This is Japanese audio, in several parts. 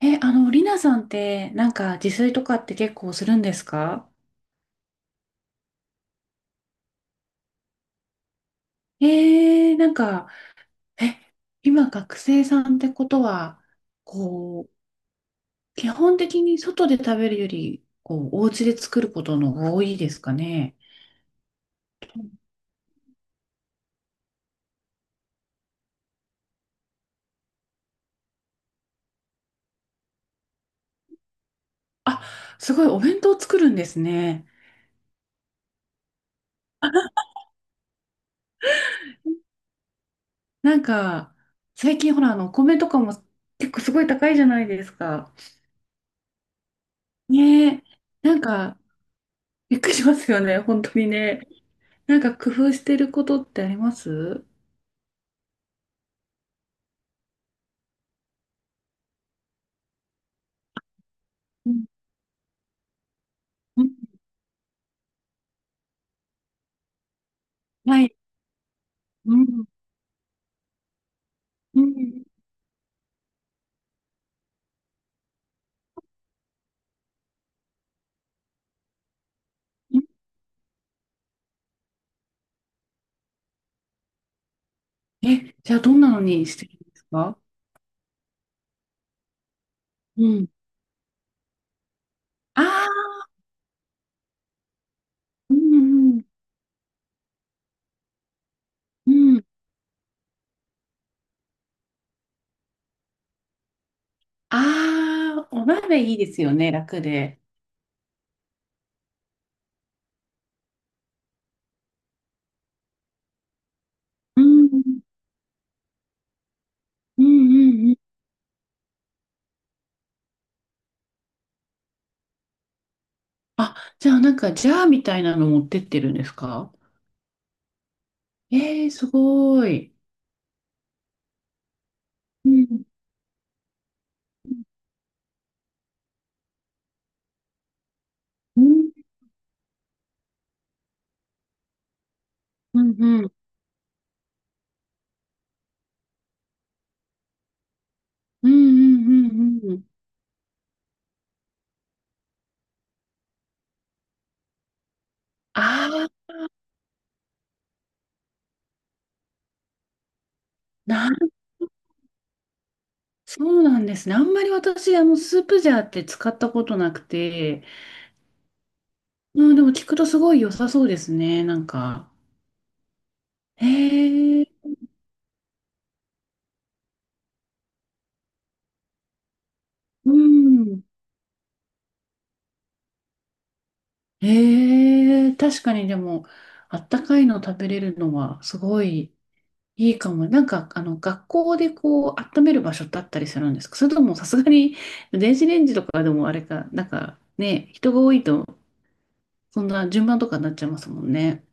え、あの、りなさんって、なんか自炊とかって結構するんですか？なんか、え、今学生さんってことは、こう、基本的に外で食べるより、こう、お家で作ることの方が多いですかね。あ、すごいお弁当作るんですね。なんか、最近ほら、お米とかも結構すごい高いじゃないですか。ねえ、なんか、びっくりしますよね、本当にね。なんか工夫してることってあります？うん。はい。うん。うん。うん。じゃあどんなのにしてるんですか？うん。ああ、うんうんうん。ああ、お鍋いいですよね、楽で。うんうんうんうん。あ、じゃあなんかジャーみたいなの持ってってるんですか？すごい。うんうんうんうんうんうんうんうん。ああ、なん、そうなんですね。あんまり私、スープジャーって使ったことなくて、うん、でも聞くとすごい良さそうですね、なんか。へえ、うん。へえ、確かにでも、あったかいの食べれるのはすごいいいかも。なんか、学校でこう、温める場所ってあったりするんですか？それともさすがに、電子レンジとかでもあれか、なんかね、人が多いと、そんな順番とかになっちゃいますもんね。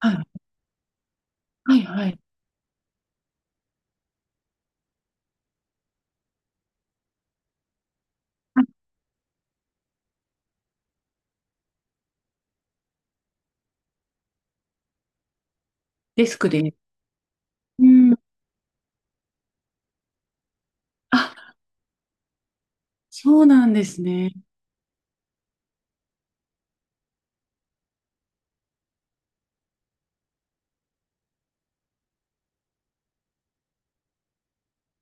はい、はい、はい。あ、デスクで。うん。あ、そうなんですね。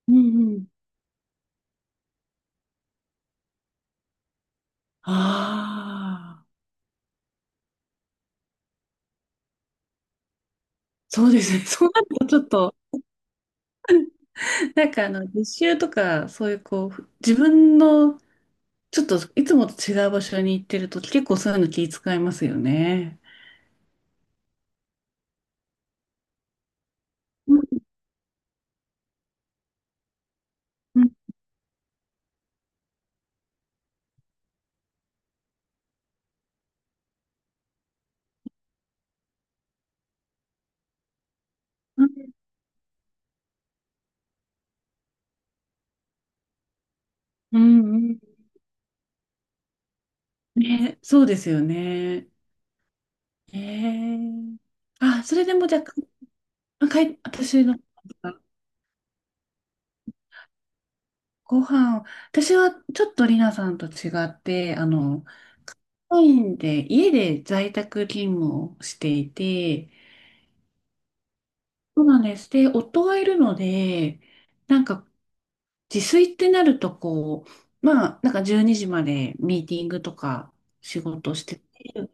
うんうん。ああ。そうですね。そうなるとちょっと、なんか実習とか、そういうこう、自分の、ちょっといつもと違う場所に行ってると、結構そういうの気遣いますよね。うんうんうんうん。ね、そうですよね。えーあ、それでもじゃあ、私の、ご飯、私はちょっとりなさんと違って、オンラインで、家で在宅勤務をしていて、そうなんです。で、夫がいるので、なんか、自炊ってなると、こう、まあ、なんか12時までミーティングとか仕事してて、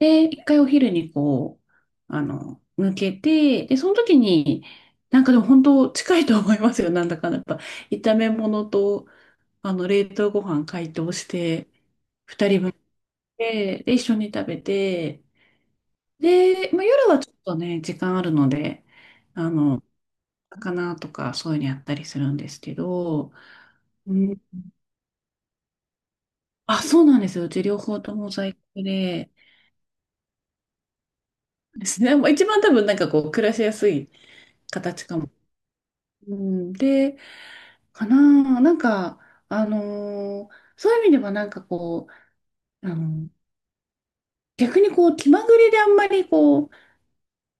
で、1回お昼にこう、抜けて、で、その時に、なんかでも本当近いと思いますよ。なんだかんだやっぱ、炒め物と、冷凍ご飯解凍して、で、一緒に食べて、で、まあ、夜はちょっとね、時間あるので、あの、魚とかそういうのやったりするんですけど、うん、あ、そうなんですよ。うち両方とも在宅で、ですね。まあ一番多分なんかこう暮らしやすい形かも。うん、で、かな、なんか、そういう意味ではなんかこう、逆にこう気まぐれであんまりこう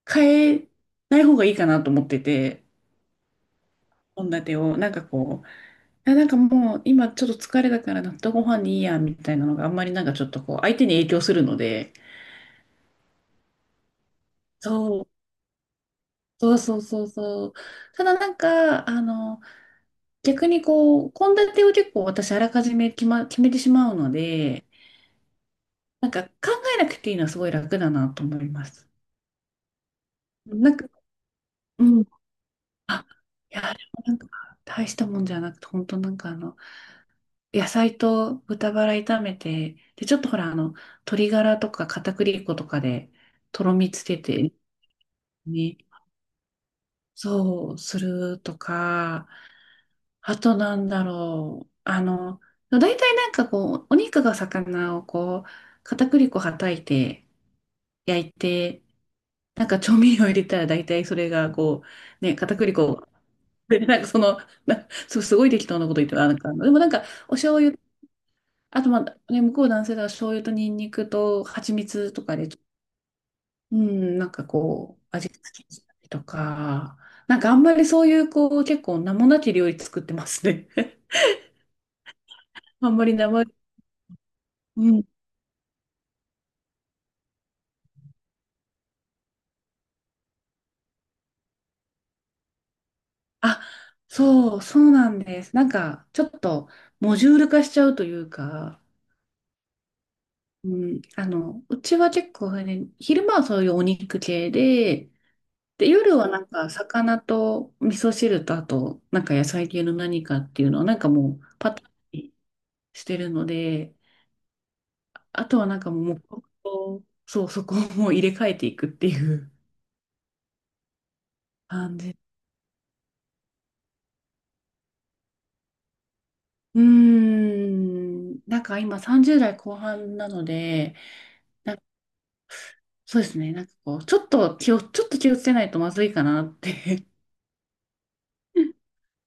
変えない方がいいかなと思ってて、献立をなんかこう、いやなんかもう今ちょっと疲れたから納豆ご飯にいいやみたいなのがあんまりなんかちょっとこう相手に影響するので、そうそうそうそうそう。ただなんか、逆にこう、献立を結構私あらかじめ決めてしまうので、なんか考えなくていいのはすごい楽だなと思います。なんか、うん。あ、いや、でもなんか、大したもんじゃなくて、本当なんか野菜と豚バラ炒めて、で、ちょっとほら、鶏ガラとか片栗粉とかで、とろみつけて、ね、そう、するとか、あとなんだろう。大体なんかこう、お肉が魚をこう、片栗粉はたいて、焼いて、なんか調味料入れたら大体それがこう、ね、片栗粉、でなんかその、すごい適当なこと言ってる、あなんか、でもなんか、お醤油、あとまあ、ね、向こう男性だから醤油とニンニクと蜂蜜とかで、うん、なんかこう、味付けしたりとか、なんかあんまりそういうこう、結構名もなき料理作ってますね。あんまり名前、うん。あ、そう、そうなんです。なんか、ちょっと、モジュール化しちゃうというか、うん、うちは結構ね、昼間はそういうお肉系で、で、夜はなんか、魚と味噌汁と、あと、なんか野菜系の何かっていうのは、なんかもう、パターンにしてるので、あとはなんかもう、黙々と、そう、そこをもう入れ替えていくっていう感じ。うーん、なんか今30代後半なので、そうですね。なんかこう、ちょっと気をつけないとまずいかなって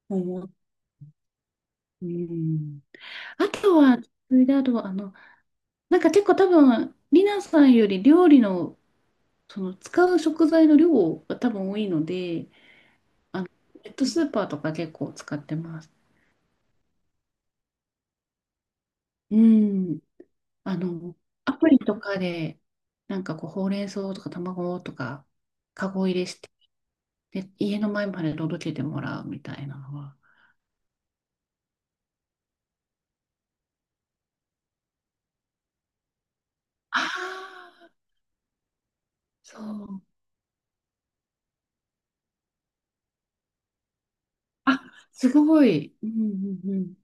思う。うん。あとは、それであとは、なんか結構多分、リナさんより料理の、その使う食材の量が多分多いので、あの、ネットスーパーとか結構使ってます。うん。あの、アプリとかで、なんかこう、ほうれん草とか卵とか、カゴ入れして、で、家の前まで届けてもらうみたいなのは。ああ、そう。あ、すごい。うんうんう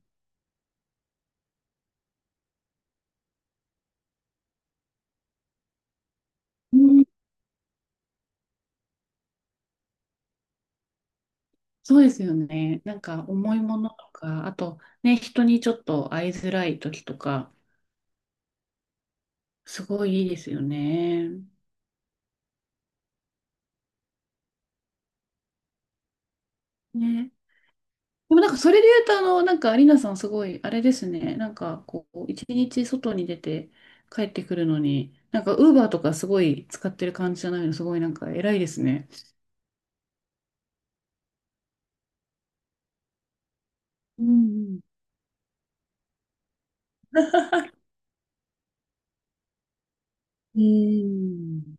ん。うん、そうですよね。なんか重いものとか、あとね、人にちょっと会いづらい時とか、すごいいいですよね。ね。でもなんかそれで言うと、なんかアリーナさんすごい、あれですね。なんかこう、一日外に出て帰ってくるのに、なんかウーバーとかすごい使ってる感じじゃないの、すごいなんか偉いですね。うんうん。うん。